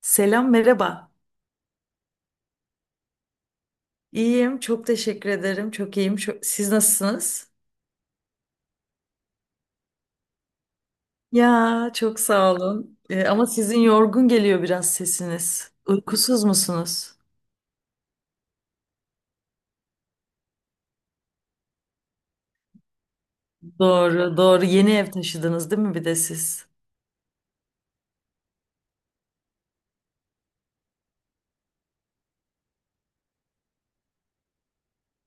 Selam, merhaba. İyiyim, çok teşekkür ederim. Çok iyiyim. Siz nasılsınız? Ya, çok sağ olun. Ama sizin yorgun geliyor biraz sesiniz. Uykusuz musunuz? Doğru, doğru. Yeni ev taşıdınız değil mi bir de siz?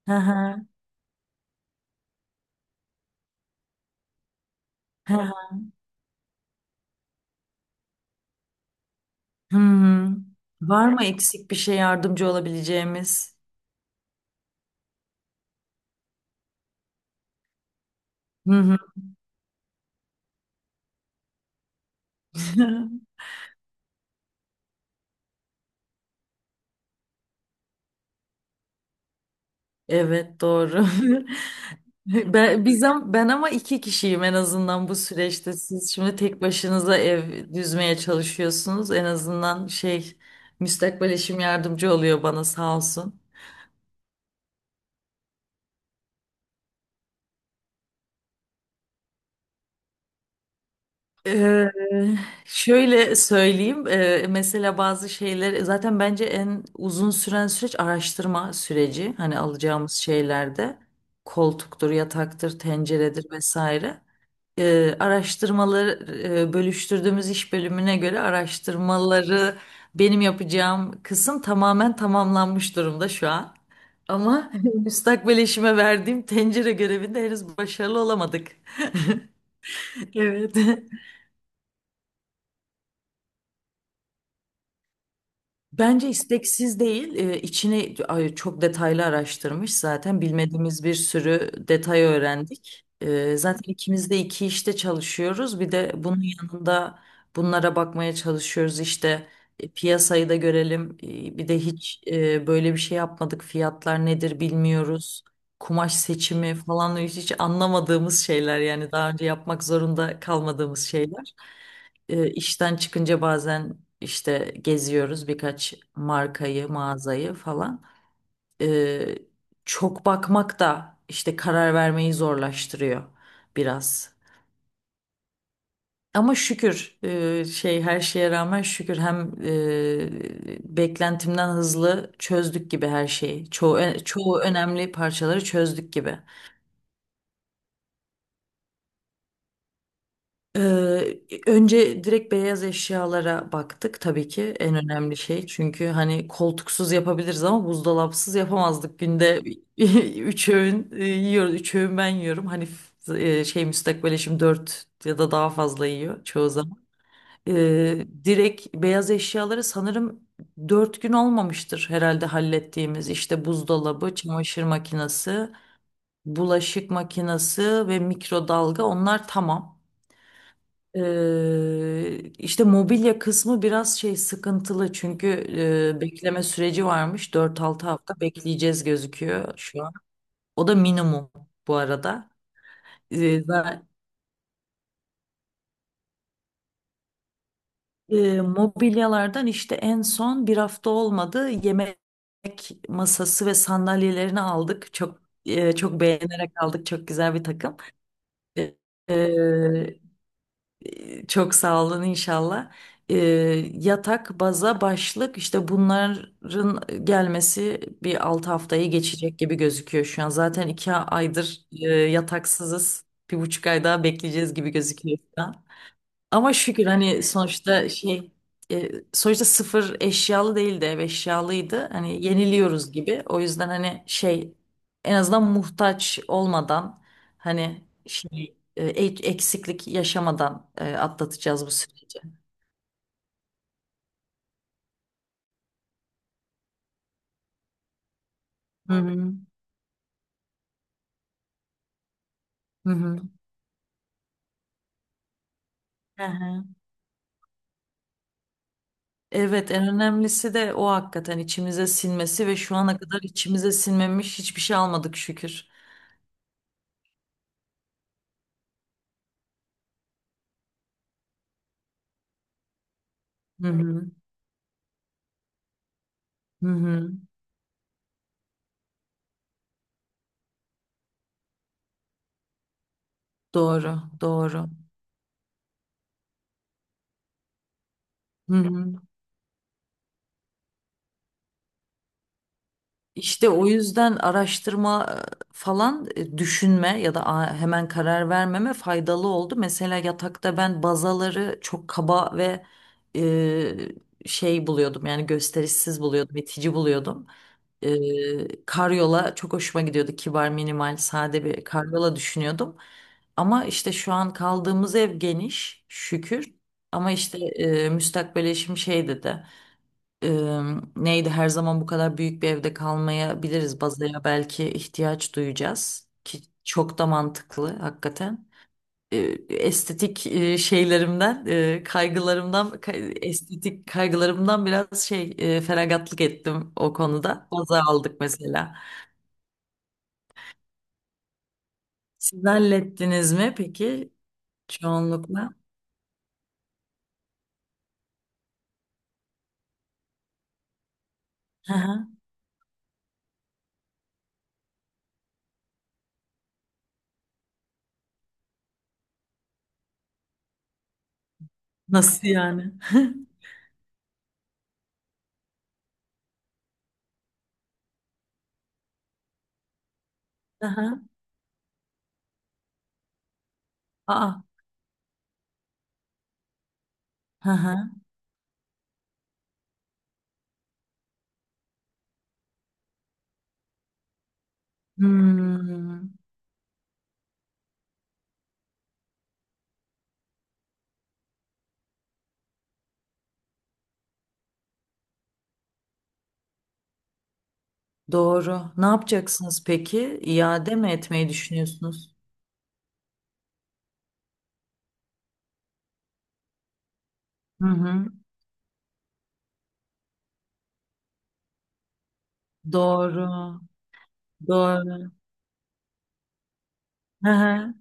Hı hı, hı hı. Hmm. Var mı eksik bir şey yardımcı olabileceğimiz? Hı hı. Evet, doğru. Ben ama iki kişiyim en azından bu süreçte. Siz şimdi tek başınıza ev düzmeye çalışıyorsunuz. En azından şey müstakbel eşim yardımcı oluyor bana sağ olsun. Ee, şöyle söyleyeyim. Mesela bazı şeyler zaten bence en uzun süren süreç araştırma süreci. Hani alacağımız şeylerde koltuktur, yataktır, tenceredir vesaire. Araştırmaları bölüştürdüğümüz iş bölümüne göre araştırmaları benim yapacağım kısım tamamen tamamlanmış durumda şu an. Ama müstakbel eşime verdiğim tencere görevinde henüz başarılı olamadık. Evet. Bence isteksiz değil, içini ay, çok detaylı araştırmış zaten bilmediğimiz bir sürü detay öğrendik. Zaten ikimiz de iki işte çalışıyoruz. Bir de bunun yanında bunlara bakmaya çalışıyoruz işte, piyasayı da görelim. Bir de hiç böyle bir şey yapmadık. Fiyatlar nedir bilmiyoruz. Kumaş seçimi falan hiç, hiç anlamadığımız şeyler, yani daha önce yapmak zorunda kalmadığımız şeyler. E, işten çıkınca bazen işte geziyoruz birkaç markayı, mağazayı falan. E, çok bakmak da işte karar vermeyi zorlaştırıyor biraz. Ama şükür, şey, her şeye rağmen şükür hem beklentimden hızlı çözdük gibi her şeyi. Çoğu önemli parçaları çözdük gibi. Ee, önce direkt beyaz eşyalara baktık, tabii ki en önemli şey. Çünkü hani koltuksuz yapabiliriz ama buzdolapsız yapamazdık. Günde 3 öğün yiyoruz. 3 öğün ben yiyorum. Hani şey müstakbel eşim dört ya da daha fazla yiyor çoğu zaman. Direkt beyaz eşyaları sanırım 4 gün olmamıştır herhalde hallettiğimiz. İşte buzdolabı, çamaşır makinesi, bulaşık makinesi ve mikrodalga, onlar tamam. İşte mobilya kısmı biraz şey sıkıntılı, çünkü bekleme süreci varmış. 4-6 hafta bekleyeceğiz gözüküyor şu an. O da minimum bu arada. Ee, ben, mobilyalardan işte, en son bir hafta olmadı, yemek masası ve sandalyelerini aldık. Çok beğenerek aldık. Çok güzel bir takım. E, Çok sağ olun inşallah. Ee, yatak, baza, başlık, işte bunların gelmesi bir 6 haftayı geçecek gibi gözüküyor şu an. Zaten 2 aydır yataksızız. 1,5 ay daha bekleyeceğiz gibi gözüküyor. Ama şükür, hani sonuçta sıfır eşyalı değildi, ev eşyalıydı. Hani yeniliyoruz gibi. O yüzden hani şey, en azından muhtaç olmadan, hani şey, eksiklik yaşamadan atlatacağız bu süreci. Hı hı. Hı hı. Hı hı. Evet, en önemlisi de o, hakikaten içimize sinmesi, ve şu ana kadar içimize sinmemiş hiçbir şey almadık şükür. Hı hı. Hı hı. Doğru, doğru. Hı hı. İşte o yüzden araştırma, falan, düşünme ya da hemen karar vermeme faydalı oldu. Mesela yatakta ben bazaları çok kaba ve şey buluyordum, yani gösterişsiz buluyordum, itici buluyordum. Karyola çok hoşuma gidiyordu. Kibar, minimal, sade bir karyola düşünüyordum. Ama işte şu an kaldığımız ev geniş şükür. Ama işte müstakbel eşim şey dedi, e, neydi, her zaman bu kadar büyük bir evde kalmayabiliriz. Bazaya belki ihtiyaç duyacağız, ki çok da mantıklı hakikaten. E, estetik e, şeylerimden, e, kaygılarımdan, kay- estetik kaygılarımdan biraz şey, feragatlık ettim o konuda. Baza aldık mesela. Siz hallettiniz mi peki çoğunlukla? Hı hı. Nasıl yani? Hı hı. Aa. Hı hı. Hmm. Doğru. Ne yapacaksınız peki? İade mi etmeyi düşünüyorsunuz? Hı hı. Doğru. Doğru. Hı hı.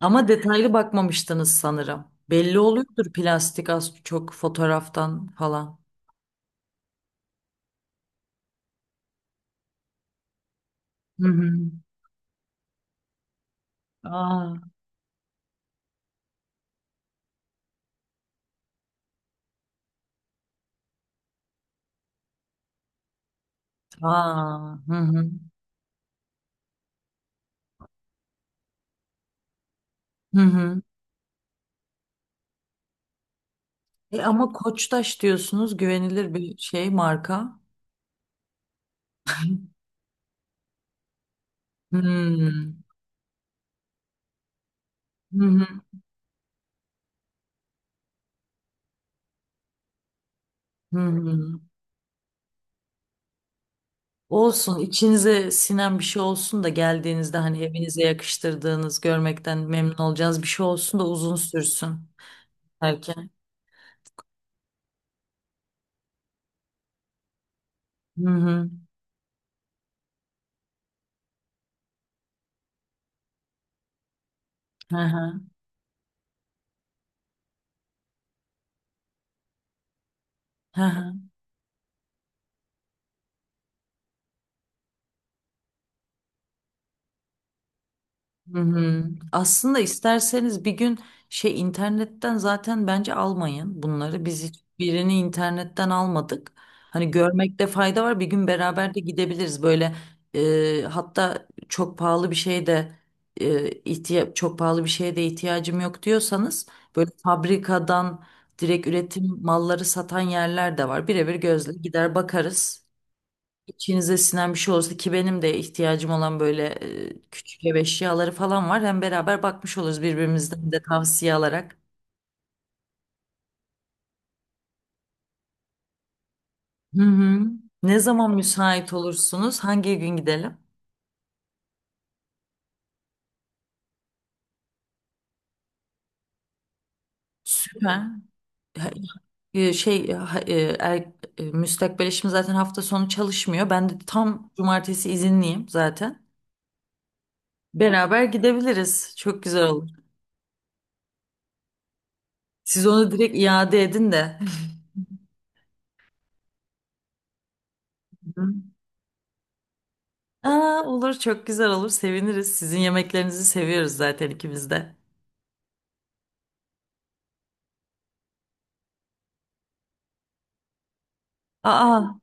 Ama detaylı bakmamıştınız sanırım. Belli oluyordur plastik az çok fotoğraftan falan. Hı hı. Aa, aa. Hı hı. Hı hı. Ama Koçtaş diyorsunuz güvenilir bir şey marka. Hmm. Hı hı. Hı hı. Olsun, içinize sinen bir şey olsun da, geldiğinizde hani evinize yakıştırdığınız, görmekten memnun olacağınız bir şey olsun da uzun sürsün belki. Hı hı. Hı hı. Hı hı. Hı hı. Aslında isterseniz bir gün şey, internetten zaten bence almayın bunları. Biz hiçbirini internetten almadık. Hani görmekte fayda var. Bir gün beraber de gidebiliriz. Böyle hatta, çok pahalı bir şeye de ihtiyacım yok diyorsanız, böyle fabrikadan direkt üretim malları satan yerler de var. Birebir gözle gider bakarız. İçinize sinen bir şey olursa, ki benim de ihtiyacım olan böyle küçük ev eşyaları falan var. Hem beraber bakmış oluruz, birbirimizden de tavsiye alarak. Hı hı. Ne zaman müsait olursunuz? Hangi gün gidelim? Süper. Ha- e, Şey ha- e, er, müstakbel eşim zaten hafta sonu çalışmıyor. Ben de tam cumartesi izinliyim zaten. Beraber gidebiliriz. Çok güzel olur. Siz onu direkt iade edin de. Aa, olur, çok güzel olur, seviniriz. Sizin yemeklerinizi seviyoruz zaten ikimiz de. Aa.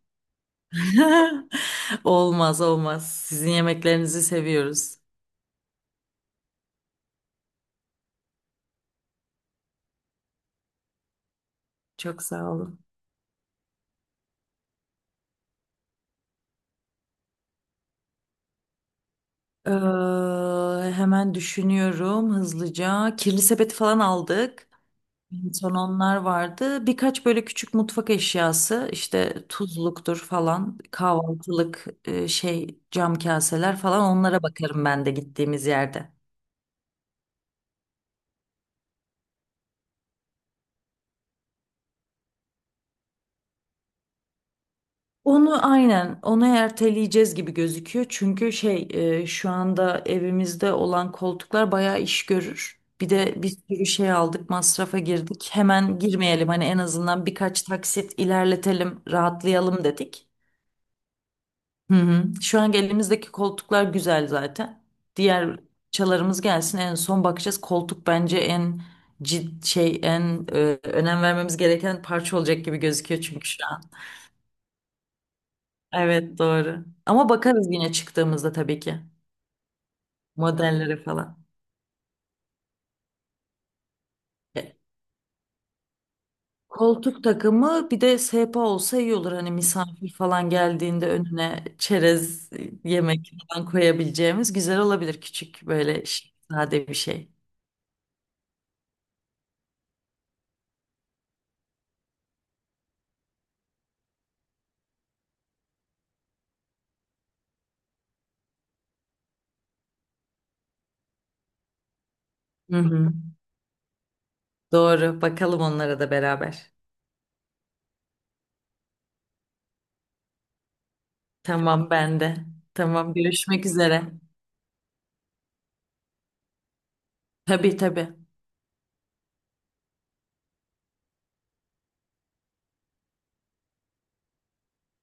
Olmaz olmaz. Sizin yemeklerinizi seviyoruz. Çok sağ olun. Hemen düşünüyorum hızlıca. Kirli sepeti falan aldık. En son onlar vardı. Birkaç böyle küçük mutfak eşyası, işte tuzluktur falan, kahvaltılık şey, cam kaseler falan, onlara bakarım ben de gittiğimiz yerde. Onu, aynen onu erteleyeceğiz gibi gözüküyor. Çünkü şu anda evimizde olan koltuklar bayağı iş görür. Bir de bir sürü şey aldık, masrafa girdik. Hemen girmeyelim, hani en azından birkaç taksit ilerletelim, rahatlayalım dedik. Hı hı. Şu an elimizdeki koltuklar güzel zaten. Diğer çalarımız gelsin, en son bakacağız. Koltuk bence en cid şey en e, önem vermemiz gereken parça olacak gibi gözüküyor, çünkü şu an. Evet doğru. Ama bakarız yine çıktığımızda tabii ki. Modellere falan. E, Koltuk takımı bir de sehpa olsa iyi olur. Hani misafir falan geldiğinde önüne çerez, yemek falan koyabileceğimiz, güzel olabilir. Küçük böyle sade bir şey. Hı hı. Doğru. Bakalım onlara da beraber. Tamam ben de. Tamam, görüşmek üzere. Tabii tabii.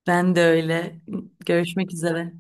Ben de öyle. Görüşmek üzere.